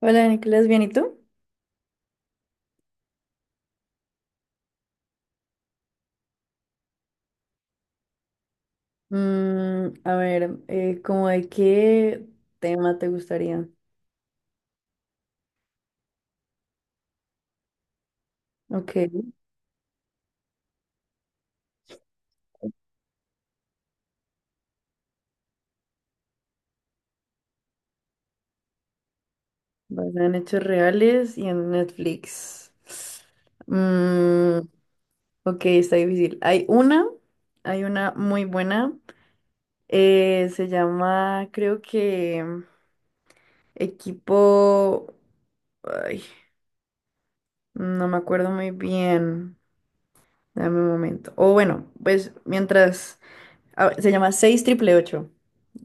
Hola Nicolás, ¿bien y tú? Mm, a ver, ¿cómo de qué tema te gustaría? Ok, basada en hechos reales y en Netflix. Mm, ok, está difícil. Hay una muy buena, se llama, creo que Equipo... ay, no me acuerdo muy bien. Dame un momento. O bueno, pues mientras... ah, se llama 6888.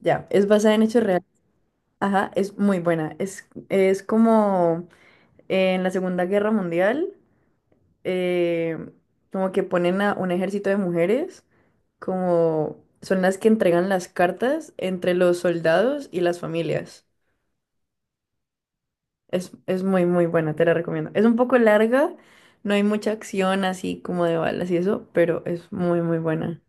Ya, es basada en hechos reales. Ajá, es muy buena. Es como en la Segunda Guerra Mundial, eh, como que ponen a un ejército de mujeres, como son las que entregan las cartas entre los soldados y las familias. Es muy, muy buena, te la recomiendo. Es un poco larga, no hay mucha acción así como de balas y eso, pero es muy, muy buena.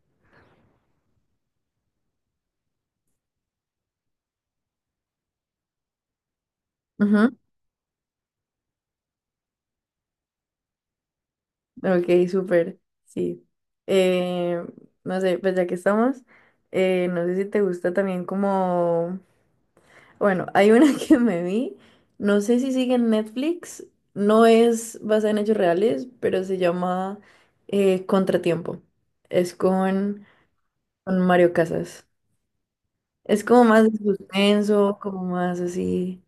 Ok, súper, sí. Eh, no sé, pues ya que estamos, no sé si te gusta también como... Bueno, hay una que me vi, no sé si sigue en Netflix, no es basada en hechos reales, pero se llama Contratiempo. Es con Mario Casas. Es como más de suspenso, como más así.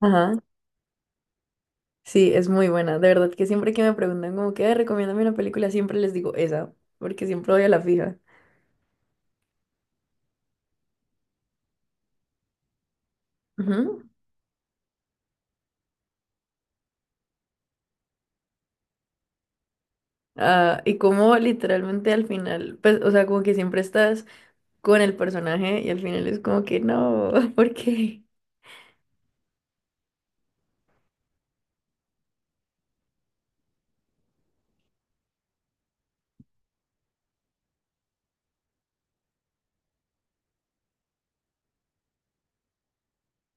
Ajá, sí, es muy buena. De verdad que siempre que me preguntan como que "Ay, recomiéndame una película, siempre les digo esa, porque siempre voy a la fija. Ujú. Ah, y como literalmente al final, pues, o sea, como que siempre estás con el personaje y al final es como que no, ¿por qué?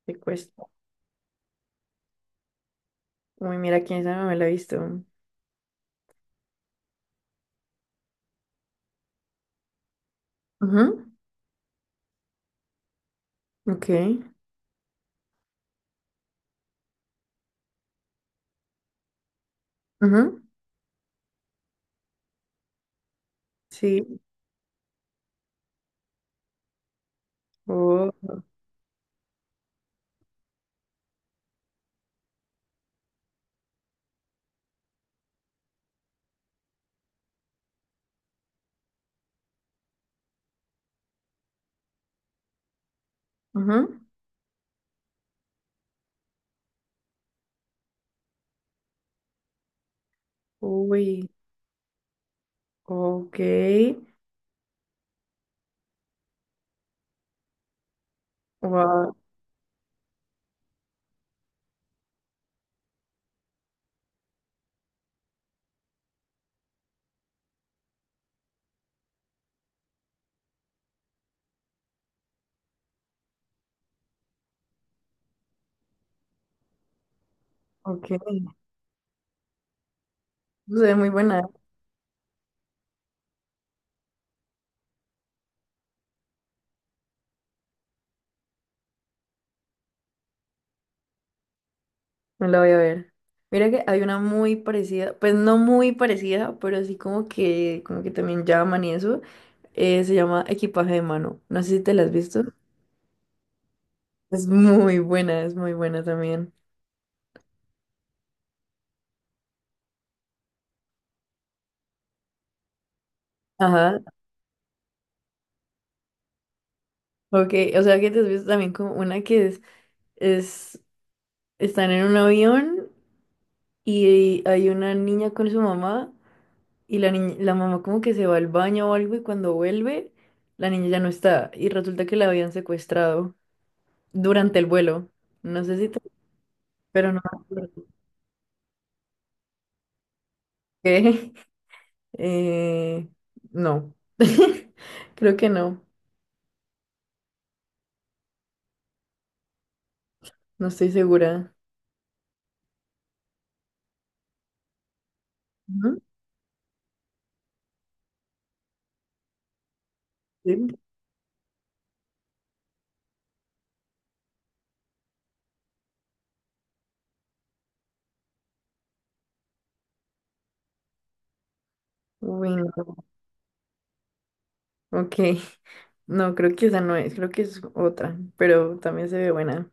Te cuesta. Uy, mira, quién sabe, me la he visto. Ujú, ok. Ujú, sí. Oh, ujú. Uy, ok. Wow, ok. Se ve muy buena, ¿eh? Me la voy a ver. Mira que hay una muy parecida, pues no muy parecida, pero sí como que también llaman y eso. Se llama Equipaje de Mano. No sé si te la has visto. Es muy buena también. Ajá, ok. O sea que te has visto también como una que es, están en un avión y hay una niña con su mamá y la niña, la mamá como que se va al baño o algo y cuando vuelve, la niña ya no está y resulta que la habían secuestrado durante el vuelo. No sé si te... Pero no me acuerdo. ¿Qué? Eh, no. Creo que no. No estoy segura. Ujú. Sí. Uy, no. Ok. No, creo que esa no es, creo que es otra, pero también se ve buena.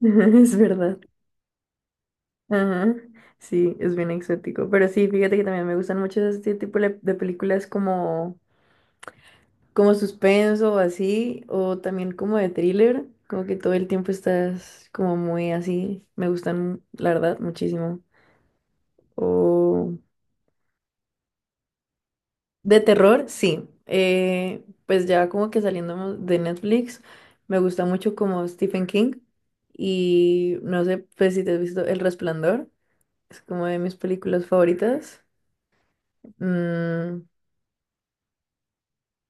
Es verdad. Ajá. Sí, es bien exótico. Pero sí, fíjate que también me gustan mucho este tipo de películas como, como suspenso o así, o también como de thriller, como que todo el tiempo estás como muy así. Me gustan, la verdad, muchísimo. O de terror, sí. Pues ya como que saliendo de Netflix, me gusta mucho como Stephen King y no sé pues si te has visto El Resplandor, es como de mis películas favoritas. Mm,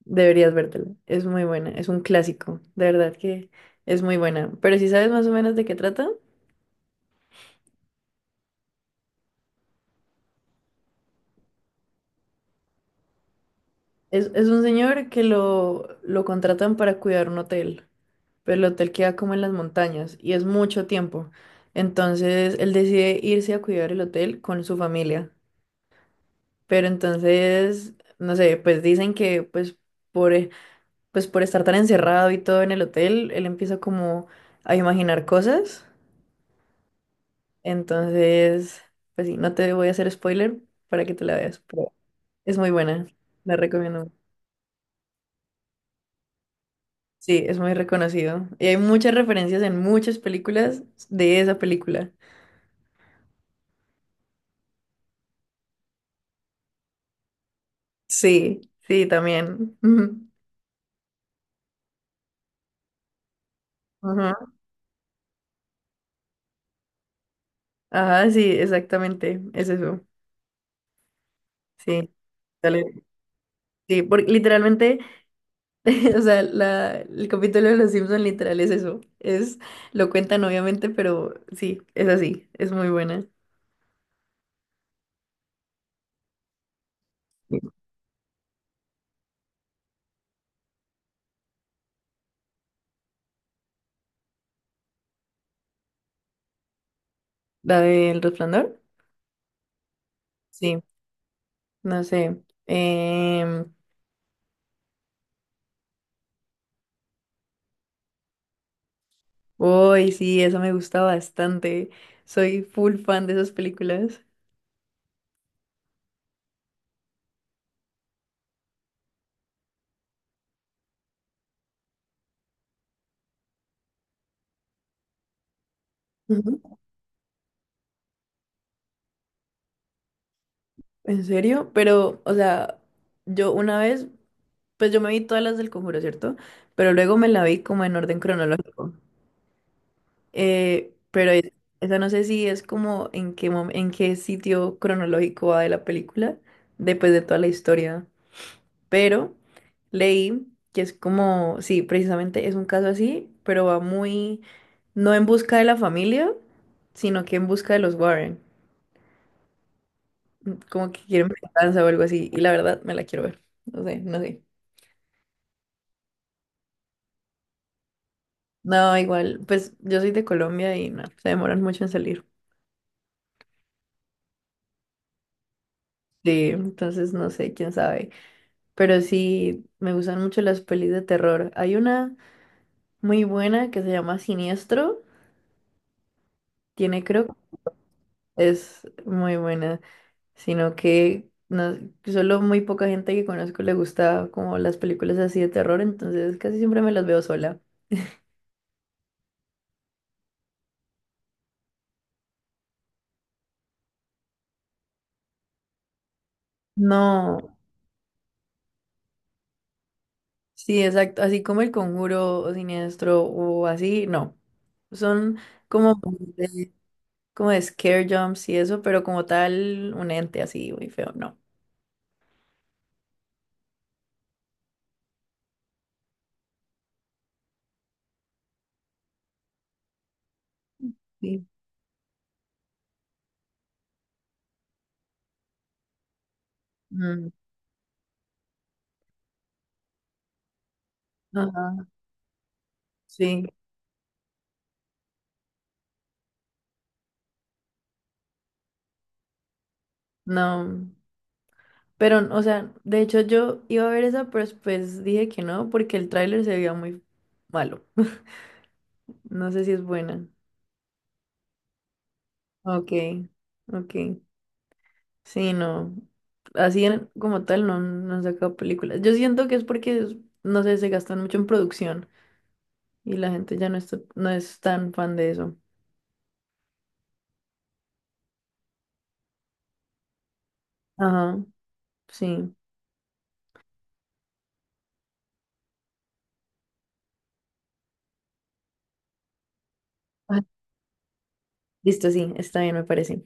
deberías vértela, es muy buena, es un clásico, de verdad que es muy buena. Pero si sabes más o menos de qué trata. Es un señor que lo contratan para cuidar un hotel, pero el hotel queda como en las montañas y es mucho tiempo. Entonces él decide irse a cuidar el hotel con su familia. Pero entonces, no sé, pues dicen que pues por, pues por estar tan encerrado y todo en el hotel, él empieza como a imaginar cosas. Entonces, pues sí, no te voy a hacer spoiler para que te la veas, pero es muy buena, la recomiendo. Sí, es muy reconocido. Y hay muchas referencias en muchas películas de esa película. Sí, sí, también. Ujú. Ajá, ajá, sí, exactamente. Es eso. Sí, dale. Sí, porque literalmente, o sea, la, el capítulo de Los Simpson literal es eso. Es, lo cuentan obviamente, pero sí, es así. Es muy buena. Sí. ¿La del resplandor? Sí, no sé. Em, uy, sí, eso me gusta bastante. Soy full fan de esas películas. Ujú. ¿En serio? Pero, o sea, yo una vez, pues yo me vi todas las del Conjuro, ¿cierto? Pero luego me la vi como en orden cronológico. Pero es- esa no sé si es como en qué mom- en qué sitio cronológico va de la película, después de toda la historia. Pero leí que es como, sí, precisamente es un caso así, pero va muy, no en busca de la familia, sino que en busca de los Warren, como que quieren venganza o algo así, y la verdad me la quiero ver, no sé, no sé. No, igual, pues yo soy de Colombia y no, se demoran mucho en salir. Sí, entonces no sé, quién sabe. Pero sí, me gustan mucho las pelis de terror. Hay una muy buena que se llama Siniestro. Tiene, creo, es muy buena. Sino que no, solo muy poca gente que conozco le gusta como las películas así de terror, entonces casi siempre me las veo sola. No, sí, exacto, así como El Conjuro o Siniestro o así, no. Son como de, como de scare jumps y eso, pero como tal, un ente así muy feo, no. Sí. Mm, ajá, sí, no. Pero, o sea, de hecho yo iba a ver esa, pero después dije que no, porque el tráiler se veía muy malo. No sé si es buena. Ok, ok. Sí, no. Así en- como tal no, no han sacado películas. Yo siento que es porque, es- no sé, se gastan mucho en producción y la gente ya no está, no es tan fan de eso. Ajá, sí. Ah, listo, sí, está bien, me parece.